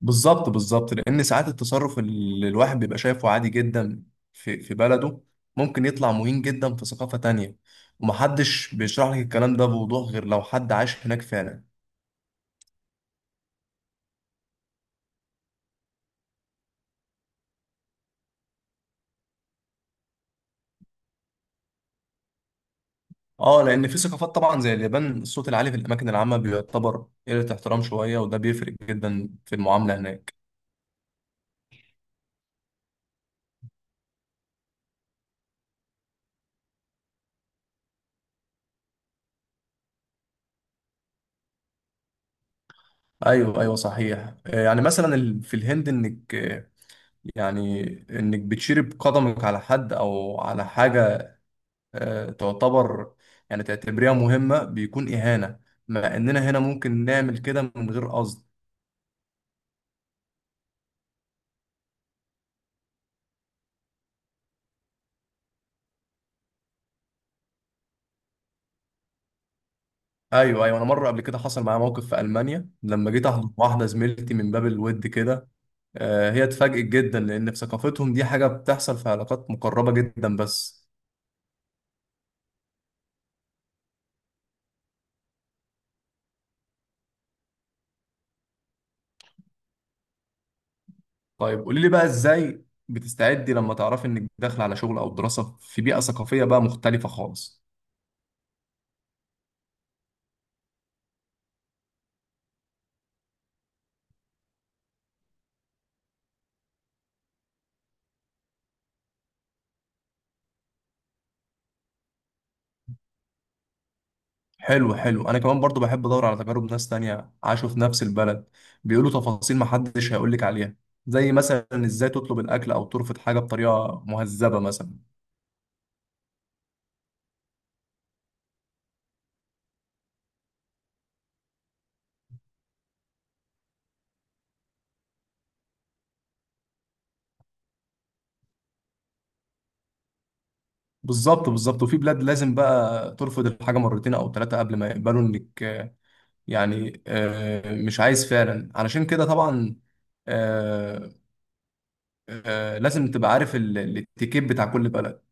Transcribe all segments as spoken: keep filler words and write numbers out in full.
بالظبط بالظبط لان ساعات التصرف اللي الواحد بيبقى شايفه عادي جدا في في بلده، ممكن يطلع مهين جدا في ثقافة تانية. ومحدش بيشرح لك الكلام ده بوضوح غير لو حد عاش هناك فعلا. اه، لان في ثقافات طبعا زي اليابان الصوت العالي في الاماكن العامة بيعتبر قلة احترام شوية، وده بيفرق جدا في المعاملة هناك. ايوه ايوه صحيح، آه، يعني مثلا ال- في الهند انك آه، يعني انك بتشير بقدمك على حد او على حاجة، آه، تعتبر يعني تعتبريها مهمة، بيكون إهانة، مع إننا هنا ممكن نعمل كده من غير قصد. أيوه أيوه، أنا مرة قبل كده حصل معايا موقف في ألمانيا لما جيت أحضن واحدة زميلتي من باب الود كده. آه، هي اتفاجئت جدا، لأن في ثقافتهم دي حاجة بتحصل في علاقات مقربة جدا بس. طيب، قولي لي بقى إزاي بتستعدي لما تعرفي إنك داخلة على شغل أو دراسة في بيئة ثقافية بقى مختلفة خالص؟ حلو حلو، انا كمان برضو بحب ادور على تجارب ناس تانية عاشوا في نفس البلد. بيقولوا تفاصيل محدش هيقولك عليها، زي مثلا ازاي تطلب الاكل او ترفض حاجة بطريقة مهذبة مثلا. بالظبط بالظبط، وفي بلاد لازم بقى ترفض الحاجة مرتين او ثلاثة قبل ما يقبلوا انك آه، يعني آه، مش عايز فعلا. علشان كده طبعا آه، آه، لازم تبقى عارف ال- الاتيكيت بتاع كل بلد.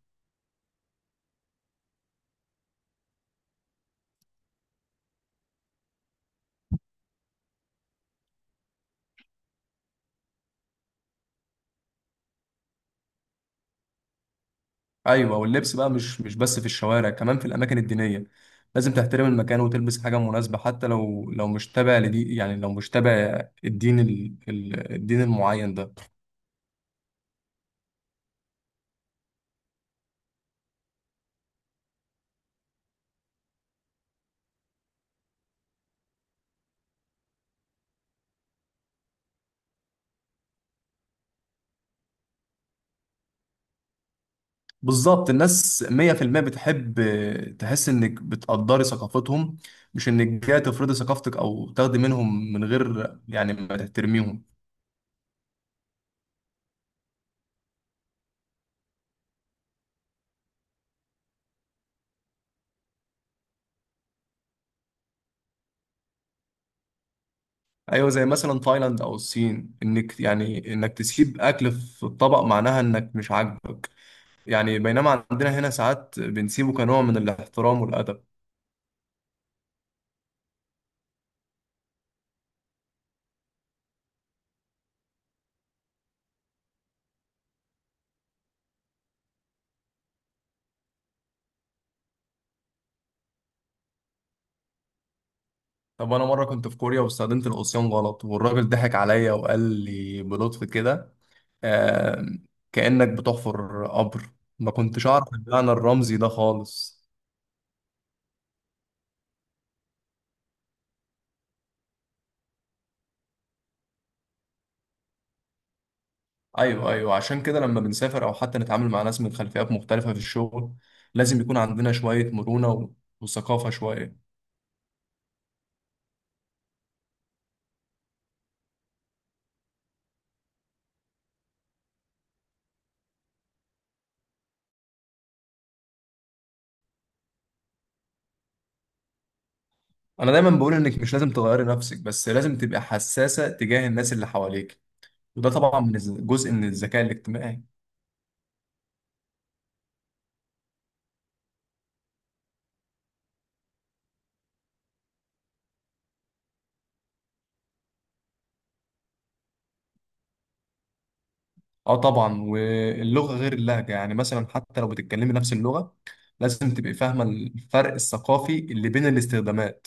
ايوه، واللبس بقى مش مش بس في الشوارع، كمان في الاماكن الدينيه لازم تحترم المكان وتلبس حاجه مناسبه، حتى لو لو مش تابع لدي، يعني لو مش تابع الدين ال... ال- الدين المعين ده. بالظبط، الناس مية في المية بتحب تحس انك بتقدري ثقافتهم، مش انك جاي تفرضي ثقافتك او تاخدي منهم من غير يعني ما تحترميهم. ايوه، زي مثلا تايلاند او الصين انك يعني انك تسيب اكل في الطبق معناها انك مش عاجبك، يعني بينما عندنا هنا ساعات بنسيبه كنوع من الاحترام والأدب. طب أنا مرة كنت في كوريا واستخدمت العصيان غلط، والراجل ضحك عليا وقال لي بلطف كده، آه، كأنك بتحفر قبر. ما كنتش أعرف المعنى الرمزي ده خالص. أيوه أيوه، عشان كده لما بنسافر أو حتى نتعامل مع ناس من خلفيات مختلفة في الشغل، لازم يكون عندنا شوية مرونة و- وثقافة شوية. أنا دايما بقول إنك مش لازم تغيري نفسك، بس لازم تبقى حساسة تجاه الناس اللي حواليك. وده طبعا من الز- جزء من الذكاء الاجتماعي. اه طبعا، واللغه غير اللهجه، يعني مثلا حتى لو بتتكلمي نفس اللغه لازم تبقي فاهمه الفرق الثقافي اللي بين الاستخدامات.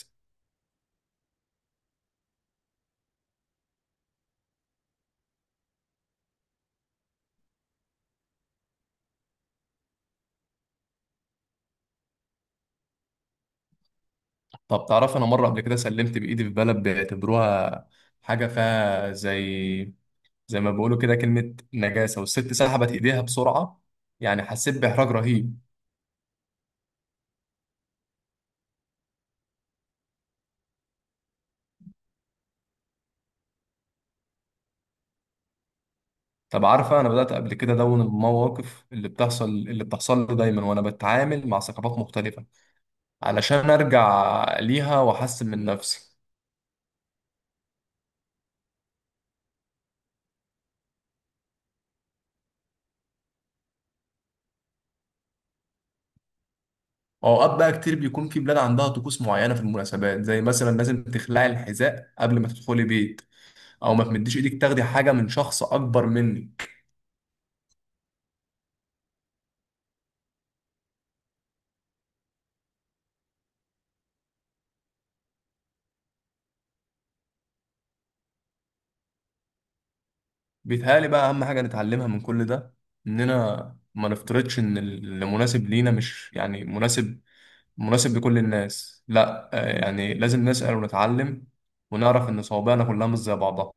طب تعرف، انا مره قبل كده سلمت بايدي في بلد بيعتبروها حاجه فيها زي، زي ما بيقولوا كده، كلمه نجاسه، والست سحبت ايديها بسرعه. يعني حسيت باحراج رهيب. طب عارفه، انا بدات قبل كده ادون المواقف اللي بتحصل اللي بتحصل لي دايما وانا بتعامل مع ثقافات مختلفه، علشان ارجع ليها واحسن من نفسي. اوقات بقى كتير بيكون في بلاد عندها طقوس معينه في المناسبات، زي مثلا لازم تخلعي الحذاء قبل ما تدخلي بيت، او ما تمديش ايدك تاخدي حاجه من شخص اكبر منك. بيتهيألي بقى اهم حاجه نتعلمها من كل ده، اننا ما نفترضش ان اللي مناسب لينا مش يعني مناسب مناسب لكل الناس. لا، آه، يعني لازم نسأل ونتعلم، ونعرف ان صوابعنا كلها مش زي بعضها.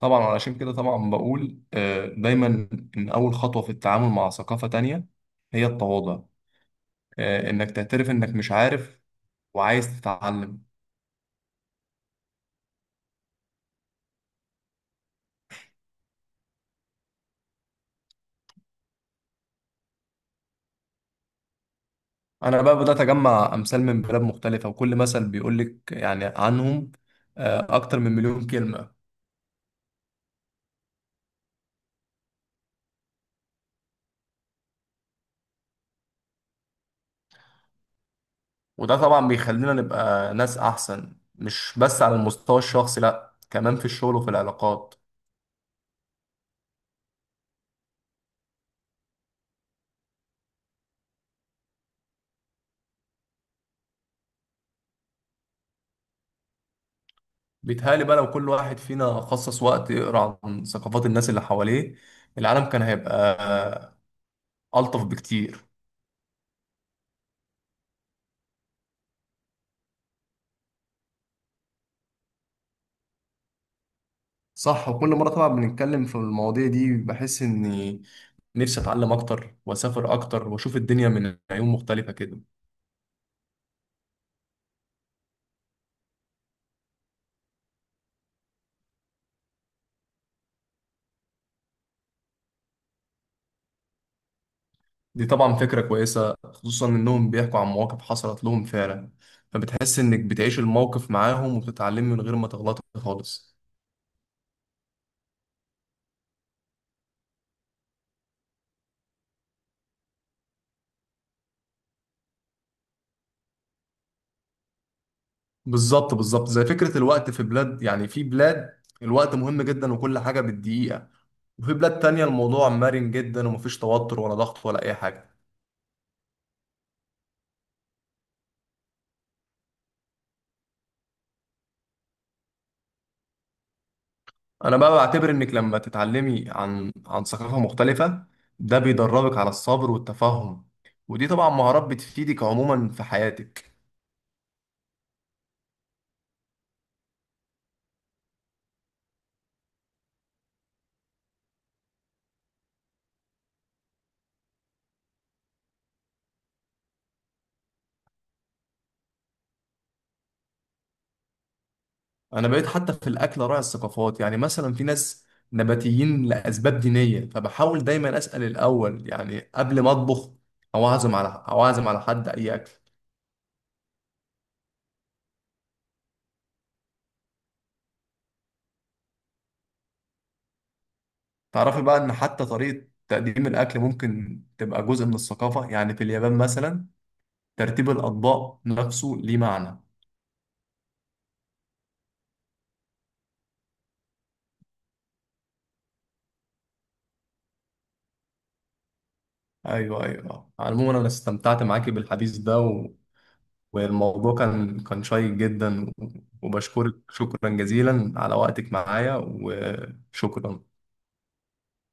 طبعا علشان كده طبعا بقول آه، دايما ان اول خطوه في التعامل مع ثقافه تانية هي التواضع. آه، انك تعترف انك مش عارف وعايز تتعلم. انا بقى بدات اجمع امثال من بلاد مختلفه، وكل مثل بيقول لك يعني عنهم آه، اكتر من مليون كلمه. وده طبعا بيخلينا نبقى ناس احسن، مش بس على المستوى الشخصي، لا، كمان في الشغل وفي العلاقات. بيتهيألي بقى لو كل واحد فينا خصص وقت يقرأ عن ثقافات الناس اللي حواليه، العالم كان هيبقى ألطف بكتير. صح، وكل مرة طبعا بنتكلم في المواضيع دي بحس إني نفسي أتعلم أكتر وأسافر أكتر وأشوف الدنيا من عيون مختلفة كده. دي طبعا فكرة كويسة، خصوصا إنهم بيحكوا عن مواقف حصلت لهم فعلا، فبتحس إنك بتعيش الموقف معاهم وبتتعلم من غير ما تغلط خالص. بالظبط بالظبط، زي فكرة الوقت في بلاد، يعني في بلاد الوقت مهم جدا وكل حاجة بالدقيقة، وفي بلاد تانية الموضوع مرن جدا، ومفيش توتر ولا ضغط ولا أي حاجة. انا بقى بعتبر انك لما تتعلمي عن عن ثقافة مختلفة، ده بيدربك على الصبر والتفهم، ودي طبعا مهارات بتفيدك عموما في حياتك. انا بقيت حتى في الاكل راعي الثقافات، يعني مثلا في ناس نباتيين لاسباب دينية، فبحاول دايما اسأل الاول يعني قبل ما اطبخ او اعزم على او اعزم على حد اي اكل. تعرفي بقى ان حتى طريقة تقديم الاكل ممكن تبقى جزء من الثقافة، يعني في اليابان مثلا ترتيب الاطباق نفسه ليه معنى. ايوه ايوه، عموما انا استمتعت معاكي بالحديث ده و... والموضوع كان كان شيق جدا و... وبشكرك شكرا جزيلا على وقتك معايا، وشكرا.